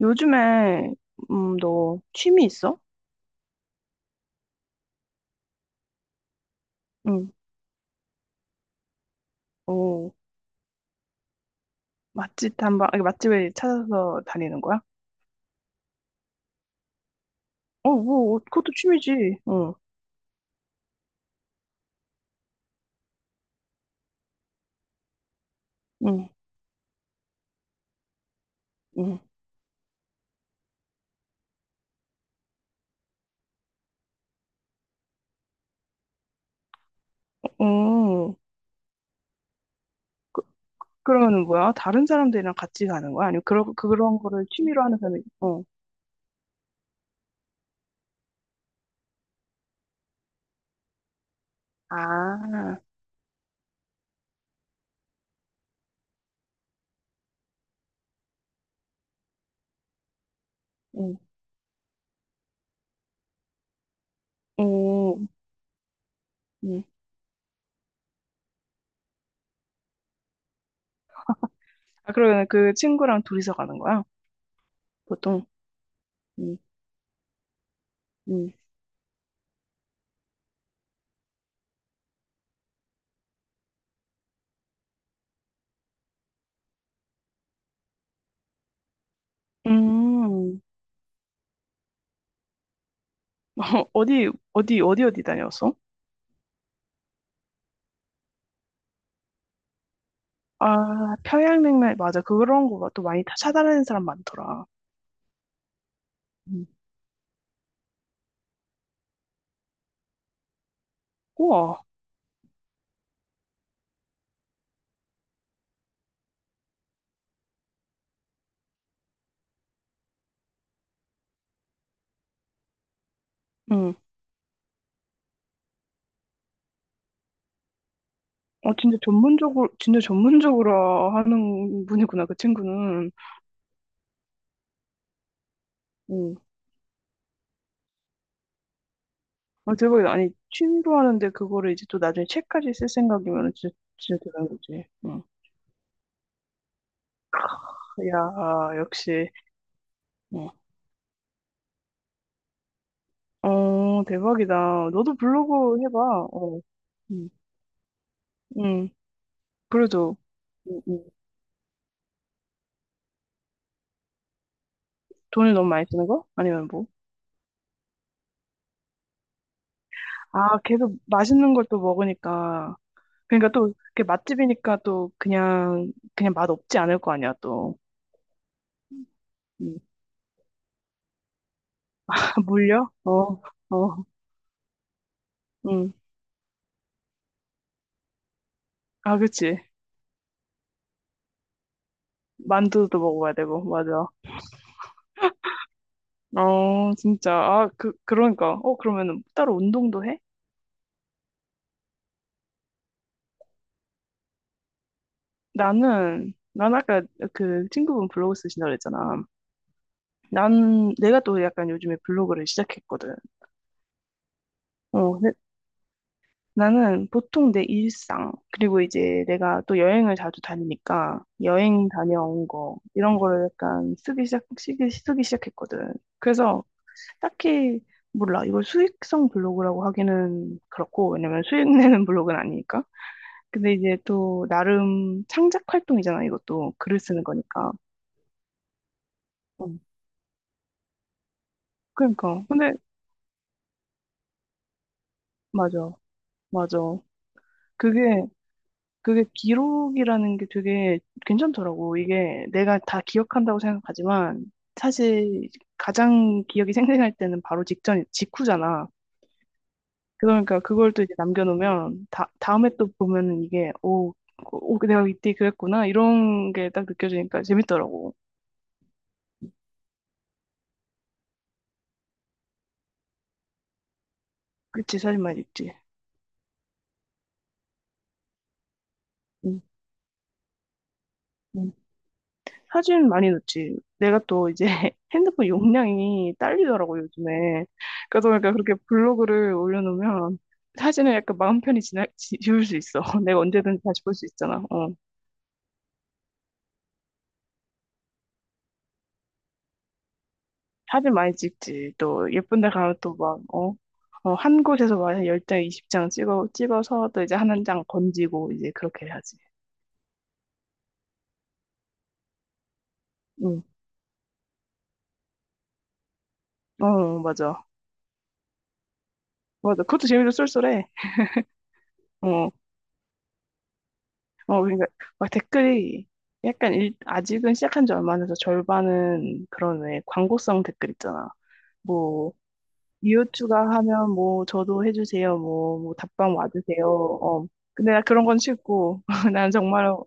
요즘에 너 취미 있어? 응. 오, 맛집 탐방, 아니, 맛집을 찾아서 다니는 거야? 어, 뭐, 그것도 취미지. 응, 응, 응. 오, 그러면은 뭐야? 다른 사람들이랑 같이 가는 거야? 아니면 그런 거를 취미로 하는 사람이? 어. 아, 응, 오, 응. 아, 그러면 그 친구랑 둘이서 가는 거야? 보통? 응, 응. 음, 어디 어디 어디 어디 다녔어? 아, 평양냉면, 맞아. 그런 거 또 많이 찾아다니는 사람 많더라. 음. 우와, 응. 어, 진짜 전문적으로, 진짜 전문적으로 하는 분이구나, 그 친구는. 응, 아, 대박이다. 아니, 취미로 하는데 그거를 이제 또 나중에 책까지 쓸 생각이면 진짜, 진짜 대단한 거지. 응. 야, 역시. 응, 어, 대박이다. 너도 블로그 해봐. 어, 음. 응. 응. 그래도, 응, 응. 돈을 너무 많이 쓰는 거? 아니면 뭐? 아, 계속 맛있는 걸 또 먹으니까. 그러니까 또 그게 맛집이니까 또 그냥 그냥 맛 없지 않을 거 아니야 또. 음. 물려? 어, 어, 응. 아, 그치. 만두도 먹어야 되고, 맞아. 어, 진짜. 아, 그러니까. 어, 그러면은 따로 운동도 해? 난 아까 그 친구분 블로그 쓰신다 그랬잖아. 내가 또 약간 요즘에 블로그를 시작했거든. 어, 나는 보통 내 일상, 그리고 이제 내가 또 여행을 자주 다니니까 여행 다녀온 거, 이런 거를 약간 쓰기 시작했거든. 그래서 딱히, 몰라. 이걸 수익성 블로그라고 하기는 그렇고, 왜냐면 수익 내는 블로그는 아니니까. 근데 이제 또 나름 창작 활동이잖아, 이것도. 글을 쓰는 거니까. 응. 그러니까. 근데, 맞아. 맞아. 그게 그게 기록이라는 게 되게 괜찮더라고. 이게 내가 다 기억한다고 생각하지만 사실 가장 기억이 생생할 때는 바로 직전, 직후잖아. 그러니까 그걸 또 이제 남겨놓으면 다음에 또 보면은 이게 오, 오, 내가 이때 그랬구나. 이런 게 딱 느껴지니까 재밌더라고. 그치, 사진만 있지. 응. 응. 사진 많이 넣지. 내가 또 이제 핸드폰 용량이 딸리더라고, 요즘에. 그러다 보니까 그렇게 블로그를 올려놓으면 사진을 약간 마음 편히 지울 수 있어. 내가 언제든지 다시 볼 수 있잖아. 어. 사진 많이 찍지. 또 예쁜 데 가면 또 막, 어, 어, 한 곳에서 막 10장, 20장 찍어서 또 이제 한 장 건지고 이제 그렇게 해야지. 응. 어, 맞아. 맞아. 그것도 재미로 쏠쏠해. 어. 어, 그러니까 막 댓글이 약간 아직은 시작한 지 얼마 안 돼서 절반은 그런 왜 광고성 댓글 있잖아. 뭐 이웃 추가하면 뭐 저도 해주세요. 뭐 답방 와주세요. 어. 근데 나 그런 건 싫고 난 정말 어,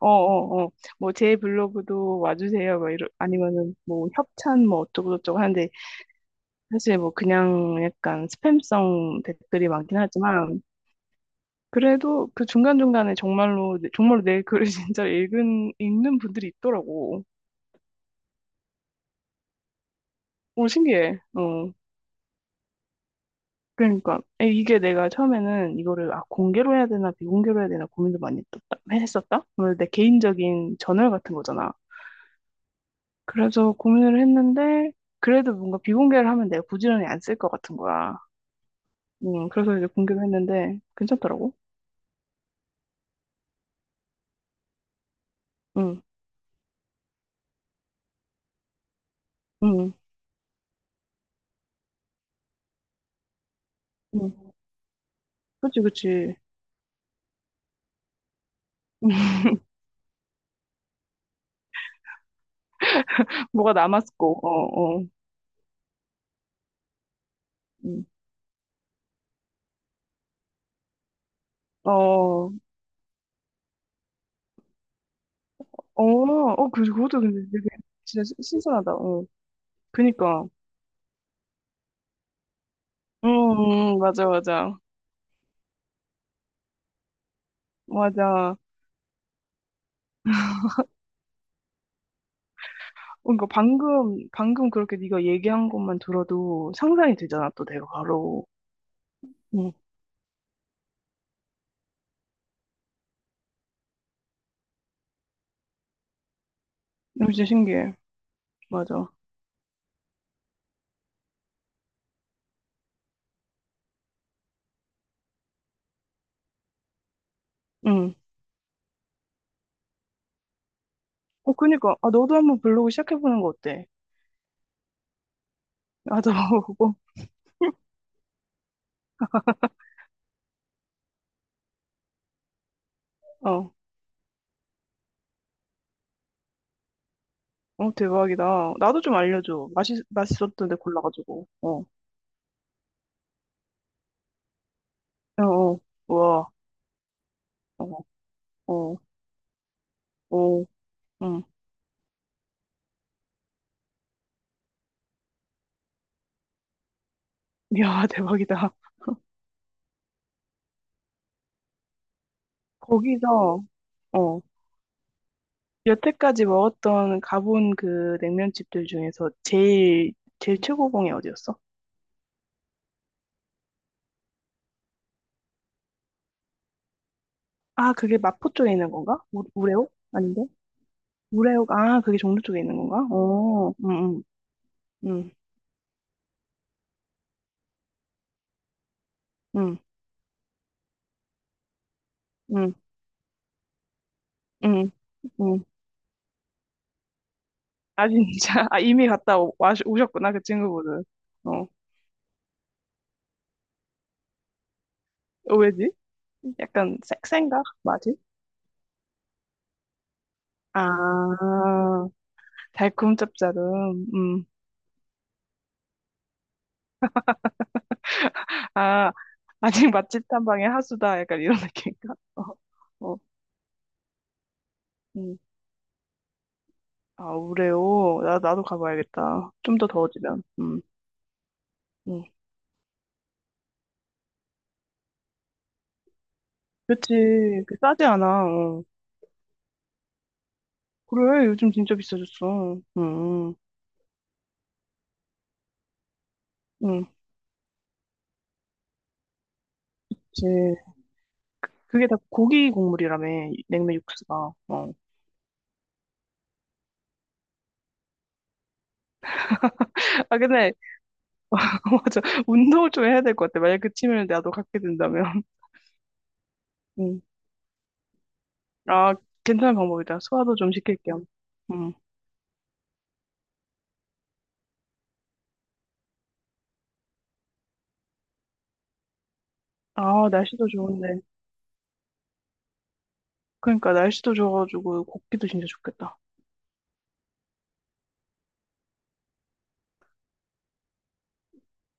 어, 어, 어. 뭐 제 블로그도 와주세요. 막 아니면은 뭐 협찬 뭐 어쩌고저쩌고 하는데 사실 뭐 그냥 약간 스팸성 댓글이 많긴 하지만 그래도 그 중간중간에 정말로, 정말로 내 글을 진짜 읽는 분들이 있더라고. 오, 신기해. 어. 그러니까. 이게 내가 처음에는 이거를, 아, 공개로 해야 되나, 비공개로 해야 되나 고민을 많이 했었다. 했었다? 오늘 내 개인적인 저널 같은 거잖아. 그래서 고민을 했는데, 그래도 뭔가 비공개를 하면 내가 부지런히 안 쓸 것 같은 거야. 그래서 이제 공개를 했는데, 괜찮더라고. 응, 응, 응. 그치, 그치. 뭐가 남았고, 어, 어. 음. 어, 어, 어, 그것도 근데 되게 진짜 신선하다. 어. 그니까. 맞아, 맞아. 맞아. 어, 그러니까 방금 그렇게 네가 얘기한 것만 들어도 상상이 되잖아, 또 내가 바로. 응. 이거 진짜 신기해. 맞아. 응. 어, 그니까. 아, 너도 한번 블로그 시작해보는 거 어때? 나도 고 어. 어, 대박이다. 나도 좀 알려줘. 맛있었던데 골라가지고. 어. 어, 어. 우와. 어, 어, 어. 응. 이야, 대박이다. 거기서, 어. 여태까지 먹었던 가본 그 냉면집들 중에서 제일 최고봉이 어디였어? 아, 그게 마포 쪽에 있는 건가? 우레옥? 아닌데? 우레옥, 아, 그게 종로 쪽에 있는 건가? 어, 응, 응, 응, 응, 응, 응. 응. 아, 진짜. 아, 이미 와, 오셨구나, 그 친구분은. 어, 어, 왜지? 약간 섹센가? 맛이? 아, 달콤 짭짤음. 음. 아, 아직 맛집 탐방의 하수다. 약간 이런 느낌인가? 어, 어. 음. 아, 나도 가봐야겠다. 좀 더 더워지면. 음. 그치. 그 싸지 않아. 어. 그래, 요즘 진짜 비싸졌어. 음, 그치. 그게 다 고기 국물이라며, 냉면 육수가. 어. 아, 근데, 맞아. 운동을 좀 해야 될 것 같아. 만약 그 취미를 나도 갖게 된다면. 음. 아, 괜찮은 방법이다. 소화도 좀 시킬 겸. 음. 아, 날씨도 좋은데. 그러니까, 날씨도 좋아가지고, 걷기도 진짜 좋겠다.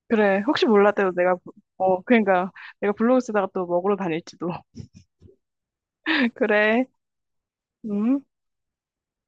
그래, 혹시 몰라 도 내가, 어, 그러니까 내가 블로그 쓰다가 또 먹으러 다닐지도. 그래, 음.